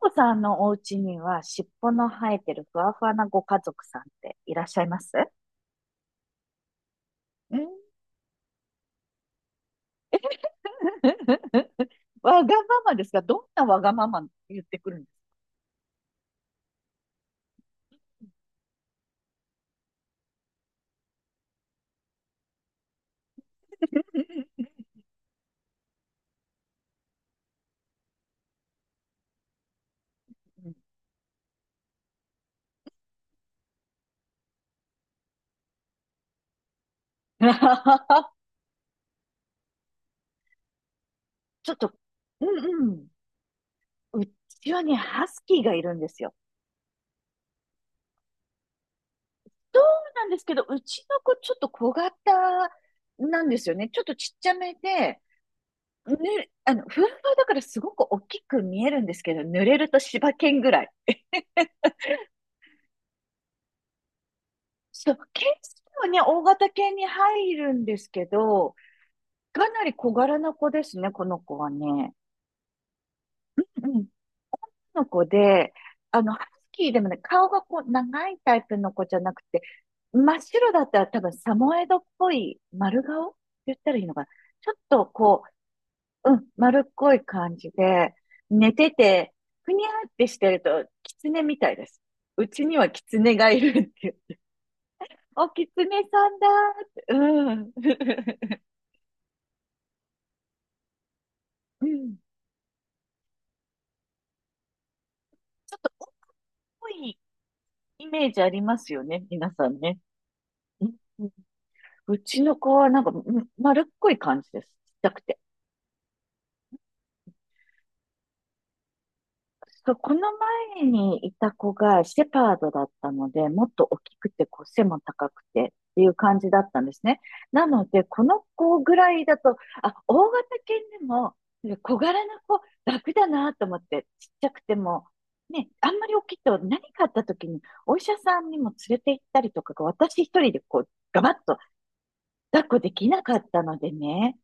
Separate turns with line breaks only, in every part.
お子さんのお家には尻尾の生えてるふわふわなご家族さんっていらっしゃいますうん わがままですが、どんなわがまま言ってくるんですか？ ちょっと、うんうん。うちはね、ハスキーがいるんですよ。そうなんですけど、うちの子ちょっと小型なんですよね。ちょっとちっちゃめで、ぬ、あの、ふわふわだからすごく大きく見えるんですけど、濡れると柴犬ぐらい。そう、犬種はね、大型犬に入るんですけど、かなり小柄な子ですね、この子はね。うん、の子で、ハスキーでもね、顔がこう、長いタイプの子じゃなくて、真っ白だったら多分サモエドっぽい丸顔って言ったらいいのかな。ちょっとこう、丸っこい感じで、寝てて、ふにゃーってしてると、キツネみたいです。うちにはキツネがいるっていう。お、キツネさんだーって。うん。うん。ちょっと多いイメージありますよね、皆さんね。うん、うちの子はなんか、丸っこい感じです。ちっちゃくて。そう、この前にいた子がシェパードだったので、もっと大きくて、こう背も高くてっていう感じだったんですね。なので、この子ぐらいだと、あ、大型犬でも、小柄な子、楽だなと思って、ちっちゃくても、ね、あんまり大きいと何かあった時に、お医者さんにも連れて行ったりとかが、私一人でこう、ガバッと抱っこできなかったのでね。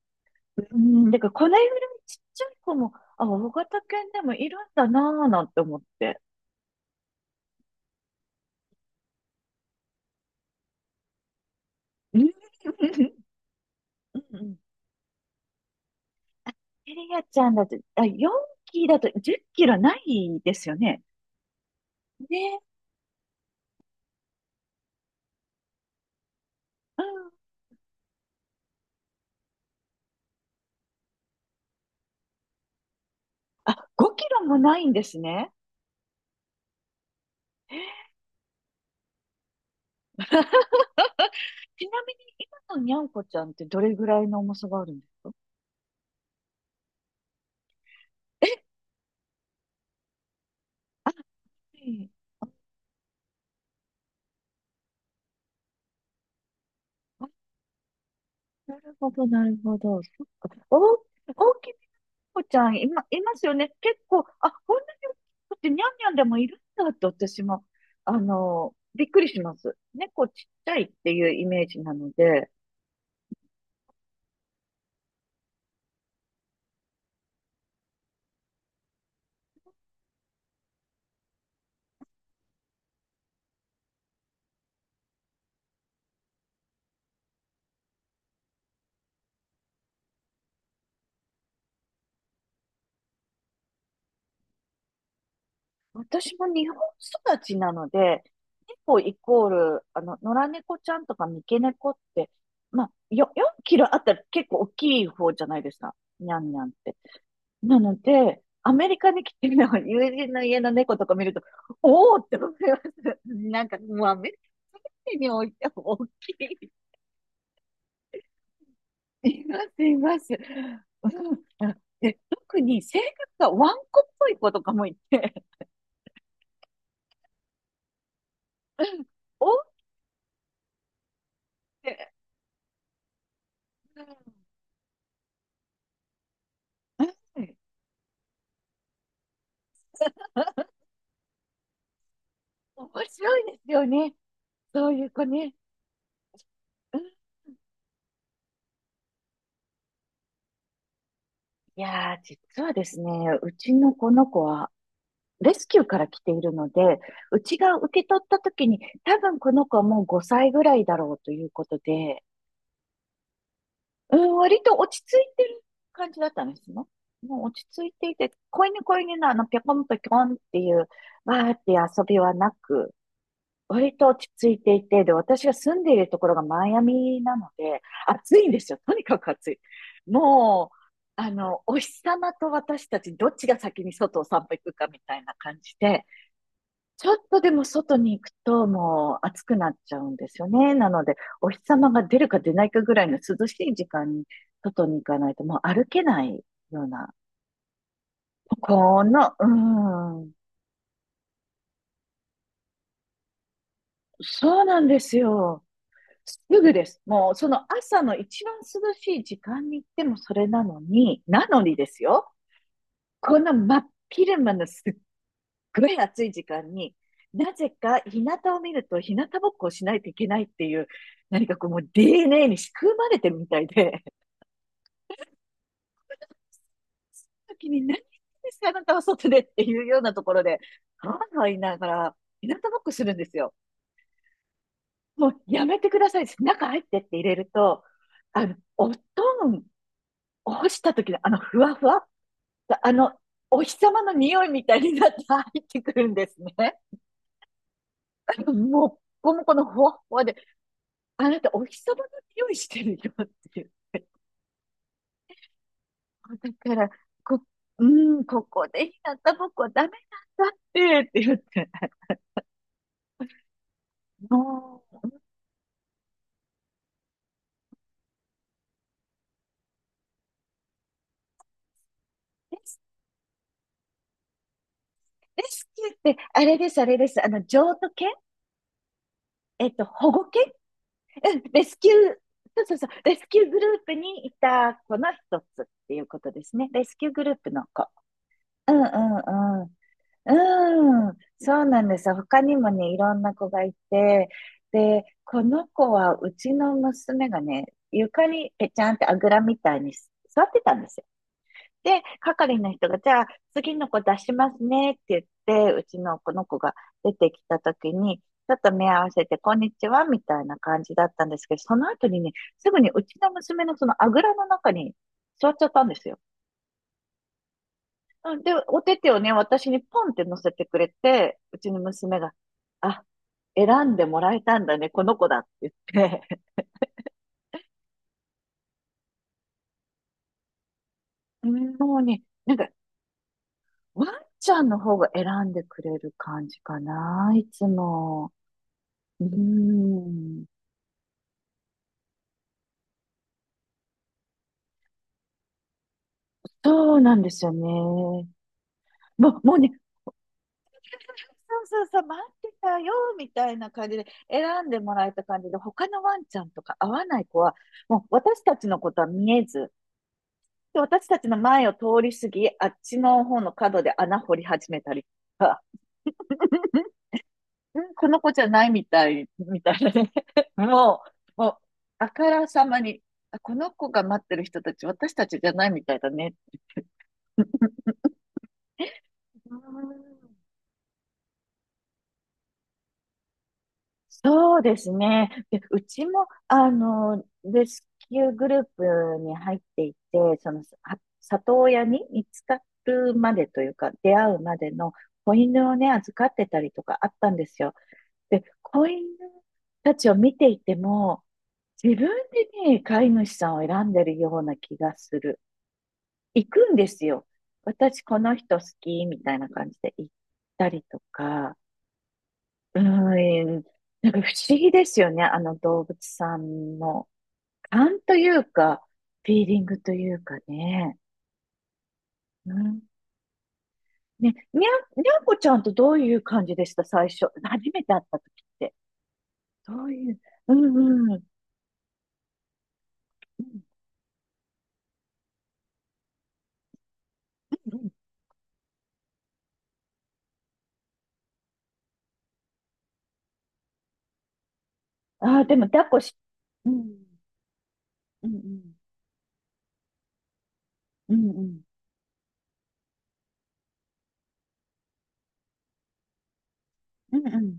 うん、だからこのぐらいちっちゃい子も、あ、大型犬でもいるんだなぁなんて思って。うん、うんうんエリアちゃんだと、あ、4キロだと10キロないですよね。ね。うん。あ、5キロもないんですね。ちなみに今のにゃんこちゃんってどれぐらいの重さがあるんですか？え、うんあなるほど、なるほど。そっか。お、大きい猫ちゃん、今、いますよね。結構、あ、こんなに大きくてにゃんにゃんでもいるんだって私も、びっくりします。猫ちっちゃいっていうイメージなので、私も日本育ちなので、猫イコール、野良猫ちゃんとか三毛猫って、まあ、よ、4キロあったら結構大きい方じゃないですか。にゃんにゃんって。なので、アメリカに来てるの友人の家の猫とか見ると、おおって思います。なんかもうアメリカにおいても大きい。います、います。うん。で、特に性格がワンコっぽい子とかもいて、おおって。うん、面白いですよね。そういう子ね。うん。いやー、実はですね、うちのこの子はレスキューから来ているので、うちが受け取った時に、多分この子はもう5歳ぐらいだろうということで、うん、割と落ち着いてる感じだったんですね。もう落ち着いていて、子犬のあの、ぴょこんぴょこんっていう、わーって遊びはなく、割と落ち着いていて、で、私が住んでいるところがマイアミなので、暑いんですよ。とにかく暑い。もう、お日様と私たち、どっちが先に外を散歩行くかみたいな感じで、ちょっとでも外に行くともう暑くなっちゃうんですよね。なので、お日様が出るか出ないかぐらいの涼しい時間に外に行かないともう歩けないような、この、うん、そうなんですよ。すぐです。もう、その朝の一番涼しい時間に行ってもそれなのに、なのにですよ。こんな真っ昼間のすっごい暑い時間に、なぜか日向を見ると日向ぼっこをしないといけないっていう、何かこうもう DNA に仕組まれてるみたいで、時に何ですか、あなたは外でっていうようなところで、はいはい言いながら、日向ぼっこするんですよ。もうやめてください。中入ってって入れると、お布団を干した時のあのふわふわあの、お日様の匂いみたいになって入ってくるんですね。あのもっこもこのほわほわで、あなたお日様の匂いしてるよって言って。だから、こ、うーん、ここで日向ぼっこはダメなんだってって言って。もう、レスキューって、あれです、あれです。譲渡犬、保護犬、うん、レスキュー、そうそうそう、レスキューグループにいた子の一つっていうことですね。レスキューグループの子。うんうんうん。うん、そうなんですよ。他にもね、いろんな子がいて、で、この子はうちの娘がね、床にぺちゃんってあぐらみたいに座ってたんですよ。で、係の人が、じゃあ次の子出しますねって言って、うちのこの子が出てきた時に、ちょっと目合わせて、こんにちは、みたいな感じだったんですけど、その後にね、すぐにうちの娘のそのあぐらの中に座っちゃったんですよ。うんで、お手手をね、私にポンって乗せてくれて、うちの娘が、あ、選んでもらえたんだね、この子だって言って、うんもうね、なんか、ワンちゃんの方が選んでくれる感じかな、いつも。うーん、そうなんですよね。もうね、そうそうそう、待ってたよ、みたいな感じで、選んでもらえた感じで、他のワンちゃんとか合わない子は、もう私たちのことは見えず、で私たちの前を通り過ぎ、あっちの方の角で穴掘り始めたりとか、この子じゃないみたい、みたいなね。ももう、あからさまに、あこの子が待ってる人たち、私たちじゃないみたいだね。うん、そうですね。で、うちも、レスキューグループに入っていて、その、は里親に見つかるまでというか、出会うまでの子犬をね、預かってたりとかあったんですよ。で、子犬たちを見ていても、自分でね、飼い主さんを選んでるような気がする。行くんですよ。私、この人好き、みたいな感じで行ったりとか、うーん、なんか不思議ですよね。あの動物さんの勘というか、フィーリングというかね。うん、ね、にゃんこちゃんとどういう感じでした、最初。初めて会った時って。どういう、うんうん。うん、あー、でも抱っこ、うん、うん、うん、うん、うん、うん、うん、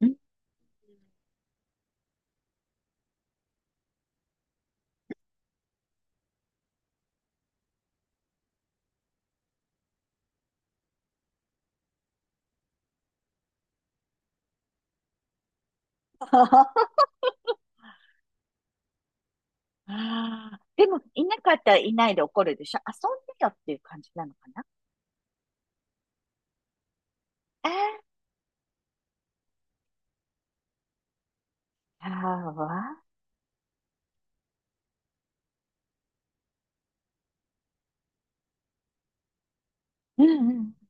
うん。ああ、でも、いなかったらいないで怒るでしょ。遊んでよっていう感じなのかな。ああ、ああ、うん、うん。